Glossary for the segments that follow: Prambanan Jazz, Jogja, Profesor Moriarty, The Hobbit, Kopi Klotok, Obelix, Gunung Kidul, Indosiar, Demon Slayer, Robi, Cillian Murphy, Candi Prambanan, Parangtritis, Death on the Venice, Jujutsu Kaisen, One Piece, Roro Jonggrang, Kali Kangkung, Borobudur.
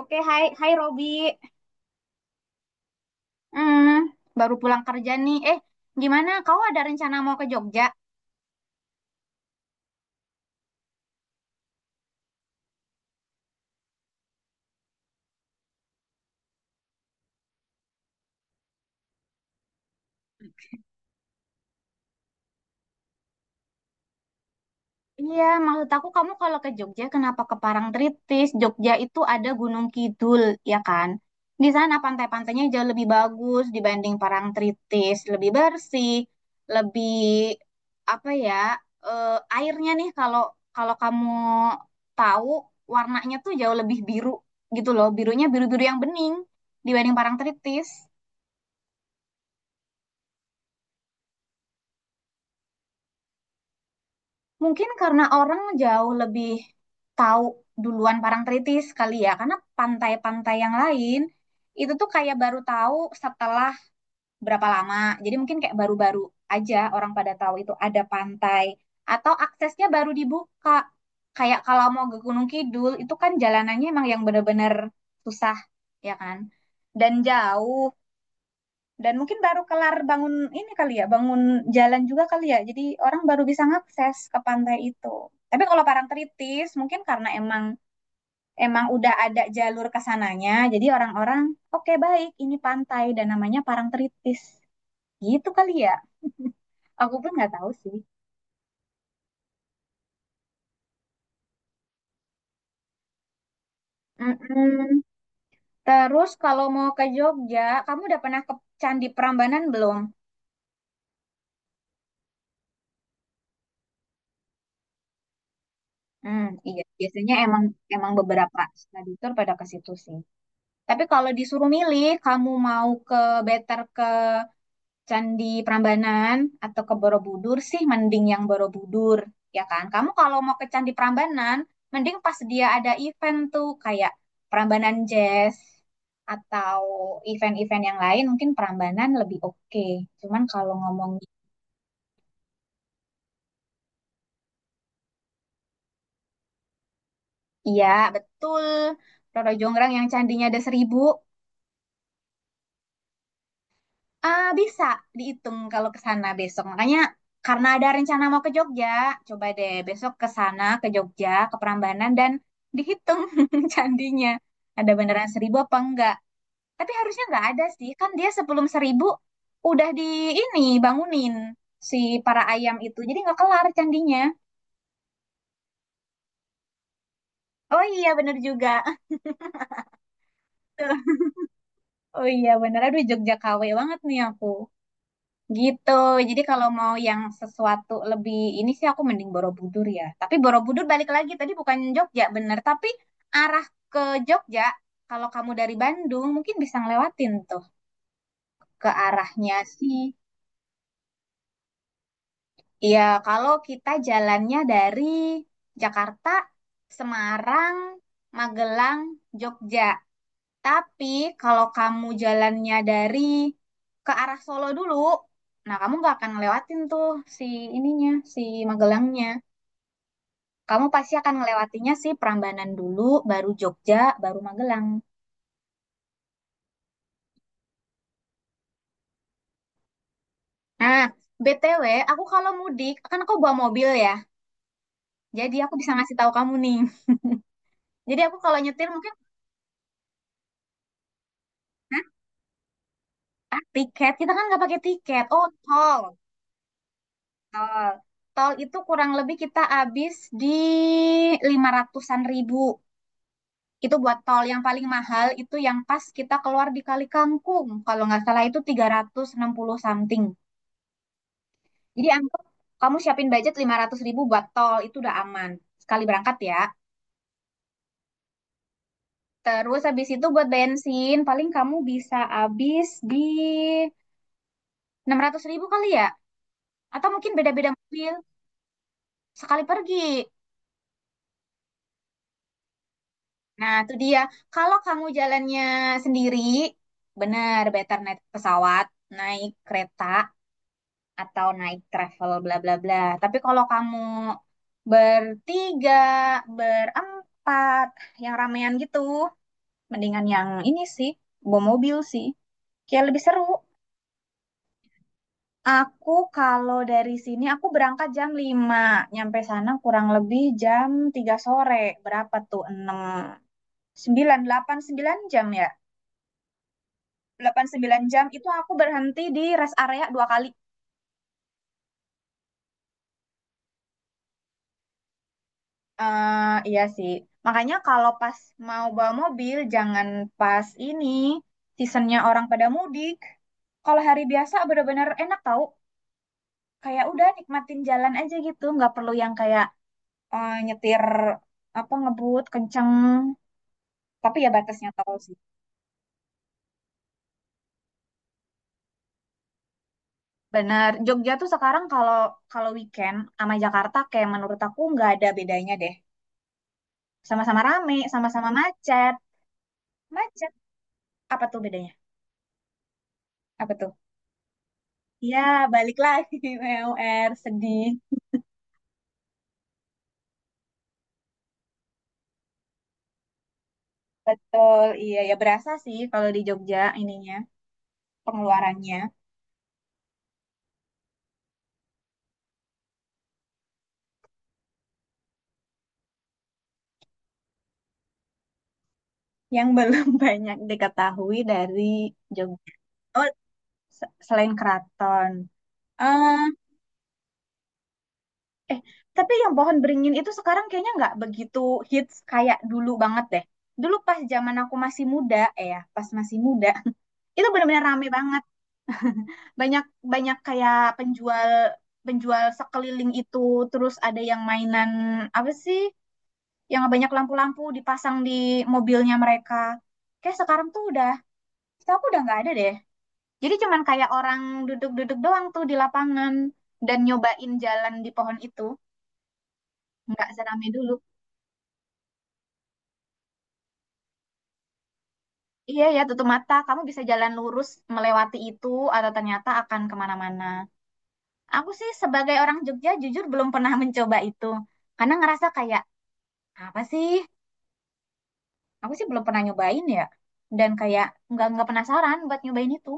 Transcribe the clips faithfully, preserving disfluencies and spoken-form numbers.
Oke, hai, hai Robi. Hmm, baru pulang kerja nih. Eh, gimana? Kau ada rencana mau ke Jogja? Iya, maksud aku kamu kalau ke Jogja, kenapa ke Parangtritis? Jogja itu ada Gunung Kidul, ya kan? Di sana pantai-pantainya jauh lebih bagus dibanding Parangtritis, lebih bersih, lebih apa ya? eh, airnya nih kalau kalau kamu tahu warnanya tuh jauh lebih biru gitu loh, birunya biru-biru yang bening dibanding Parangtritis. Mungkin karena orang jauh lebih tahu duluan Parangtritis kali ya, karena pantai-pantai yang lain itu tuh kayak baru tahu setelah berapa lama. Jadi mungkin kayak baru-baru aja orang pada tahu itu ada pantai atau aksesnya baru dibuka. Kayak kalau mau ke Gunung Kidul itu kan jalanannya emang yang bener-bener susah, ya kan? Dan jauh. Dan mungkin baru kelar bangun ini kali ya, bangun jalan juga kali ya. Jadi orang baru bisa ngakses ke pantai itu. Tapi kalau Parangtritis mungkin karena emang emang udah ada jalur ke sananya, jadi orang-orang oke baik ini pantai dan namanya Parangtritis. Gitu kali ya. Aku pun nggak tahu sih. Mm-mm. Terus kalau mau ke Jogja, kamu udah pernah ke Candi Prambanan belum? Hmm, iya, biasanya emang emang beberapa study tour pada ke situ sih. Tapi kalau disuruh milih, kamu mau ke better ke Candi Prambanan atau ke Borobudur sih, mending yang Borobudur, ya kan? Kamu kalau mau ke Candi Prambanan, mending pas dia ada event tuh kayak Prambanan Jazz atau event-event yang lain, mungkin Prambanan lebih oke. Cuman kalau ngomong, iya betul, Roro Jonggrang yang candinya ada seribu. Ah, bisa dihitung kalau ke sana besok. Makanya karena ada rencana mau ke Jogja, coba deh besok ke sana ke Jogja, ke Prambanan dan dihitung candinya. Ada beneran seribu apa enggak? Tapi harusnya enggak ada sih. Kan dia sebelum seribu udah di ini bangunin si para ayam itu. Jadi enggak kelar candinya. Oh iya bener juga. Oh iya bener. Aduh Jogja ka we banget nih aku. Gitu. Jadi kalau mau yang sesuatu lebih ini sih aku mending Borobudur ya. Tapi Borobudur balik lagi tadi bukan Jogja bener, tapi arah ke Jogja kalau kamu dari Bandung mungkin bisa ngelewatin tuh ke arahnya sih. Iya, kalau kita jalannya dari Jakarta, Semarang, Magelang, Jogja. Tapi kalau kamu jalannya dari ke arah Solo dulu, nah kamu nggak akan ngelewatin tuh si ininya, si Magelangnya. Kamu pasti akan ngelewatinya si Prambanan dulu, baru Jogja, baru Magelang. Nah, B T W, aku kalau mudik, kan aku bawa mobil ya. Jadi aku bisa ngasih tahu kamu nih. Jadi aku kalau nyetir mungkin, Hah? Ah, tiket. Kita kan nggak pakai tiket. Oh, tol. Tol. Tol itu kurang lebih kita habis di lima ratusan ribu. Itu buat tol yang paling mahal itu yang pas kita keluar di Kali Kangkung. Kalau nggak salah itu tiga ratus enam puluh something. Jadi anggap kamu siapin budget lima ratus ribu buat tol itu udah aman. Sekali berangkat ya. Terus habis itu buat bensin paling kamu bisa habis di enam ratus ribu kali ya. Atau mungkin beda-beda mobil sekali pergi. Nah, itu dia. Kalau kamu jalannya sendiri, benar better naik pesawat, naik kereta, atau naik travel bla bla bla. Tapi kalau kamu bertiga, berempat, yang ramean gitu, mendingan yang ini sih, bawa mobil sih. Kayak lebih seru. Aku kalau dari sini aku berangkat jam lima, nyampe sana kurang lebih jam tiga sore. Berapa tuh? Enam, sembilan, delapan, sembilan jam ya. Delapan sembilan jam itu aku berhenti di rest area dua kali. Eh, iya sih. Makanya kalau pas mau bawa mobil, jangan pas ini seasonnya orang pada mudik. Kalau hari biasa bener-bener enak tau. Kayak udah nikmatin jalan aja gitu, nggak perlu yang kayak eh, nyetir apa ngebut kenceng. Tapi ya batasnya tau sih. Bener. Jogja tuh sekarang kalau kalau weekend sama Jakarta kayak menurut aku nggak ada bedanya deh. Sama-sama rame, sama-sama macet. Macet. Apa tuh bedanya? Apa tuh? Ya, balik lagi P U R sedih. Betul, iya ya berasa sih kalau di Jogja ininya pengeluarannya yang belum banyak diketahui dari Jogja. Oh, se- selain keraton. eh eh, tapi yang pohon beringin itu sekarang kayaknya nggak begitu hits kayak dulu banget deh. Dulu pas zaman aku masih muda, eh ya, pas masih muda, itu benar-benar rame banget. Banyak banyak kayak penjual penjual sekeliling itu, terus ada yang mainan apa sih? Yang banyak lampu-lampu dipasang di mobilnya mereka. Kayak sekarang tuh udah, setahu aku udah nggak ada deh. Jadi cuman kayak orang duduk-duduk doang tuh di lapangan dan nyobain jalan di pohon itu. Nggak seramai dulu. Iya ya, tutup mata. Kamu bisa jalan lurus melewati itu atau ternyata akan kemana-mana. Aku sih sebagai orang Jogja jujur belum pernah mencoba itu. Karena ngerasa kayak, apa sih? Aku sih belum pernah nyobain ya. Dan kayak nggak nggak penasaran buat nyobain itu.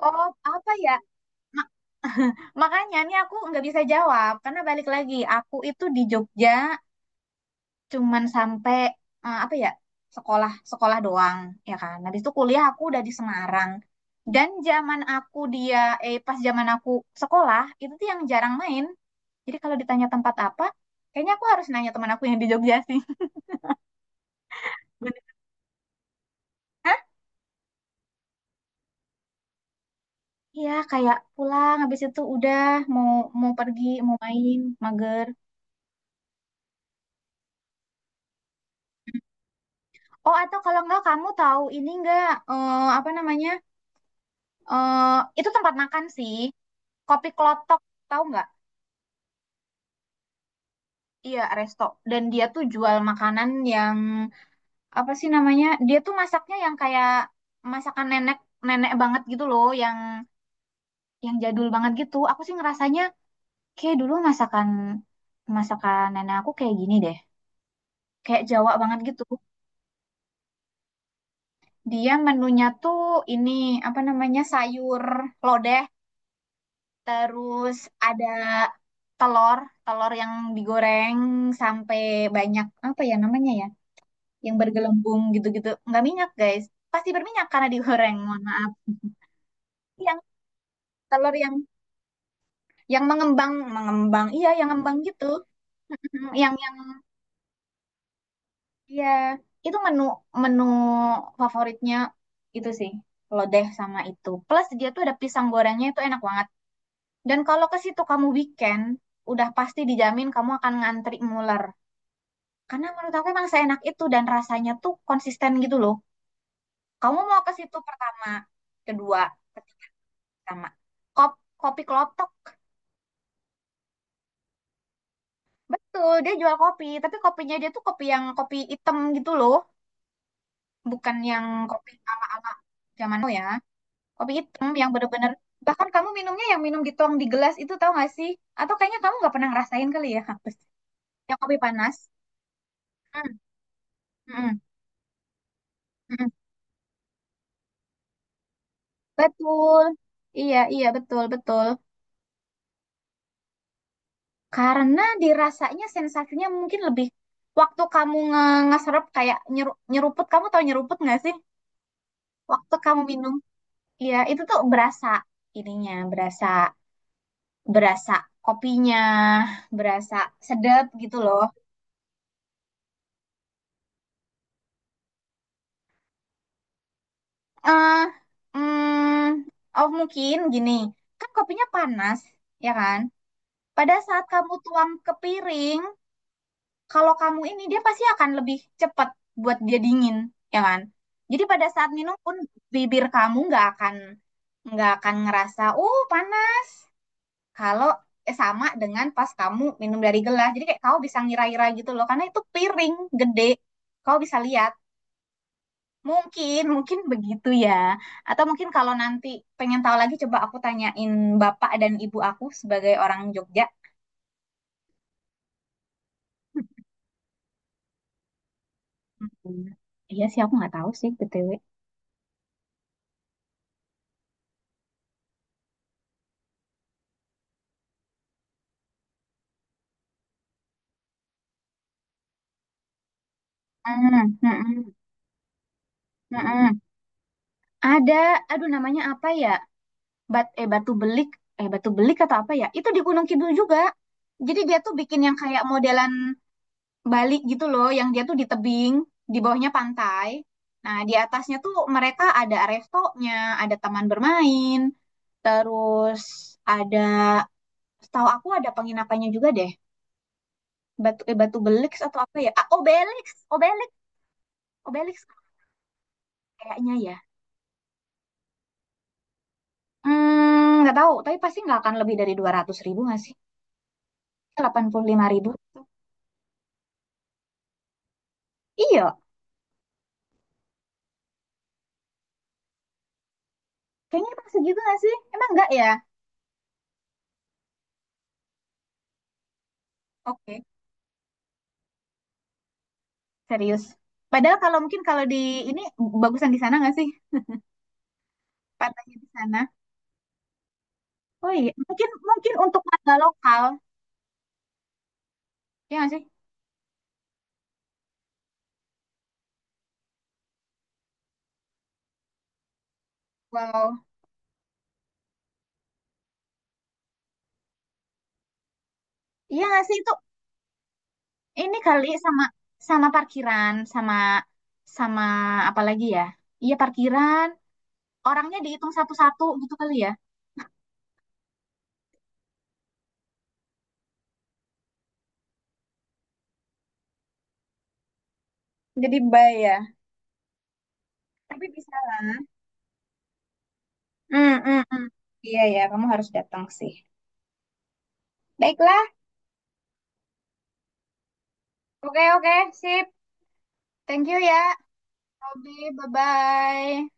Oh, apa ya? Makanya nih aku nggak bisa jawab karena balik lagi aku itu di Jogja cuman sampai eh, apa ya sekolah sekolah doang ya kan. Habis itu kuliah aku udah di Semarang dan zaman aku dia eh pas zaman aku sekolah itu tuh yang jarang main. Jadi kalau ditanya tempat apa, kayaknya aku harus nanya teman aku yang di Jogja sih. Bener. Hah? Iya kayak pulang habis itu udah mau mau pergi mau main mager. Oh atau kalau nggak kamu tahu ini nggak eh, apa namanya? Eh, itu tempat makan sih. Kopi Klotok, tahu nggak? Iya, resto. Dan dia tuh jual makanan yang apa sih namanya? Dia tuh masaknya yang kayak masakan nenek nenek banget gitu loh, yang yang jadul banget gitu. Aku sih ngerasanya kayak dulu masakan masakan nenek aku kayak gini deh. Kayak Jawa banget gitu. Dia menunya tuh ini apa namanya? Sayur lodeh. Terus ada telur, telur yang digoreng sampai banyak apa ya namanya ya, yang bergelembung gitu-gitu. Nggak minyak guys, pasti berminyak karena digoreng. Mohon maaf. Yang telur yang yang mengembang, mengembang, iya yang ngembang gitu. Mhm, Yang yang, iya, itu menu menu favoritnya itu sih lodeh sama itu. Plus dia tuh ada pisang gorengnya itu enak banget. Dan kalau ke situ kamu weekend, udah pasti dijamin kamu akan ngantri muler. Karena menurut aku emang seenak itu dan rasanya tuh konsisten gitu loh. Kamu mau ke situ pertama, kedua, ketiga, pertama. Kop, Kopi kelotok. Betul, dia jual kopi. Tapi kopinya dia tuh kopi yang kopi hitam gitu loh. Bukan yang kopi ala-ala zaman now ya. Kopi hitam yang bener-bener. Bahkan kamu minumnya yang minum dituang di gelas itu tau gak sih? Atau kayaknya kamu nggak pernah ngerasain kali ya. Yang kopi panas. Hmm, hmm, hmm. Betul. Iya, iya, betul, betul. Karena dirasanya sensasinya mungkin lebih waktu kamu nge ngeserap kayak nyeru nyeruput, kamu tahu nyeruput nggak sih? Waktu kamu minum, iya itu tuh berasa ininya, berasa berasa kopinya, berasa sedap gitu loh. Eh, mm, oh mungkin gini, kan kopinya panas, ya kan? Pada saat kamu tuang ke piring, kalau kamu ini dia pasti akan lebih cepat buat dia dingin, ya kan? Jadi pada saat minum pun bibir kamu nggak akan nggak akan ngerasa uh panas. Kalau eh, sama dengan pas kamu minum dari gelas, jadi kayak kau bisa ngira-ngira gitu loh, karena itu piring gede, kau bisa lihat. Mungkin, mungkin begitu ya. Atau mungkin kalau nanti pengen tahu lagi, coba aku tanyain bapak dan ibu aku sebagai orang Jogja. Hmm. Iya sih, aku nggak tahu sih, B T W. Hmm, hmm, hmm. Mm-mm. Ada, aduh namanya apa ya? Bat, eh batu belik, eh batu belik atau apa ya? Itu di Gunung Kidul juga. Jadi dia tuh bikin yang kayak modelan Bali gitu loh, yang dia tuh di tebing, di bawahnya pantai. Nah, di atasnya tuh mereka ada restonya, ada taman bermain, terus ada, setahu aku ada penginapannya juga deh. Batu, eh batu belik atau apa ya? Ah, Obelix, Obelix, Obelix kayaknya ya. Hmm, nggak tahu, tapi pasti nggak akan lebih dari dua ratus ribu nggak sih? Delapan puluh lima ribu. Iya, kayaknya pas segitu nggak sih? Emang nggak ya? Oke, serius. Padahal kalau mungkin kalau di ini bagusan di sana nggak sih? Pantainya di sana. Oh iya, mungkin mungkin untuk warga lokal, ya nggak sih? Wow, iya nggak sih itu ini kali sama sama parkiran, sama sama apa lagi ya? Iya parkiran, orangnya dihitung satu-satu gitu kali ya. Jadi bayar. Tapi bisa lah. Hmm, hmm, hmm. Iya ya, kamu harus datang sih. Baiklah. Oke, oke, sip. Thank you ya, Robby. Bye-bye.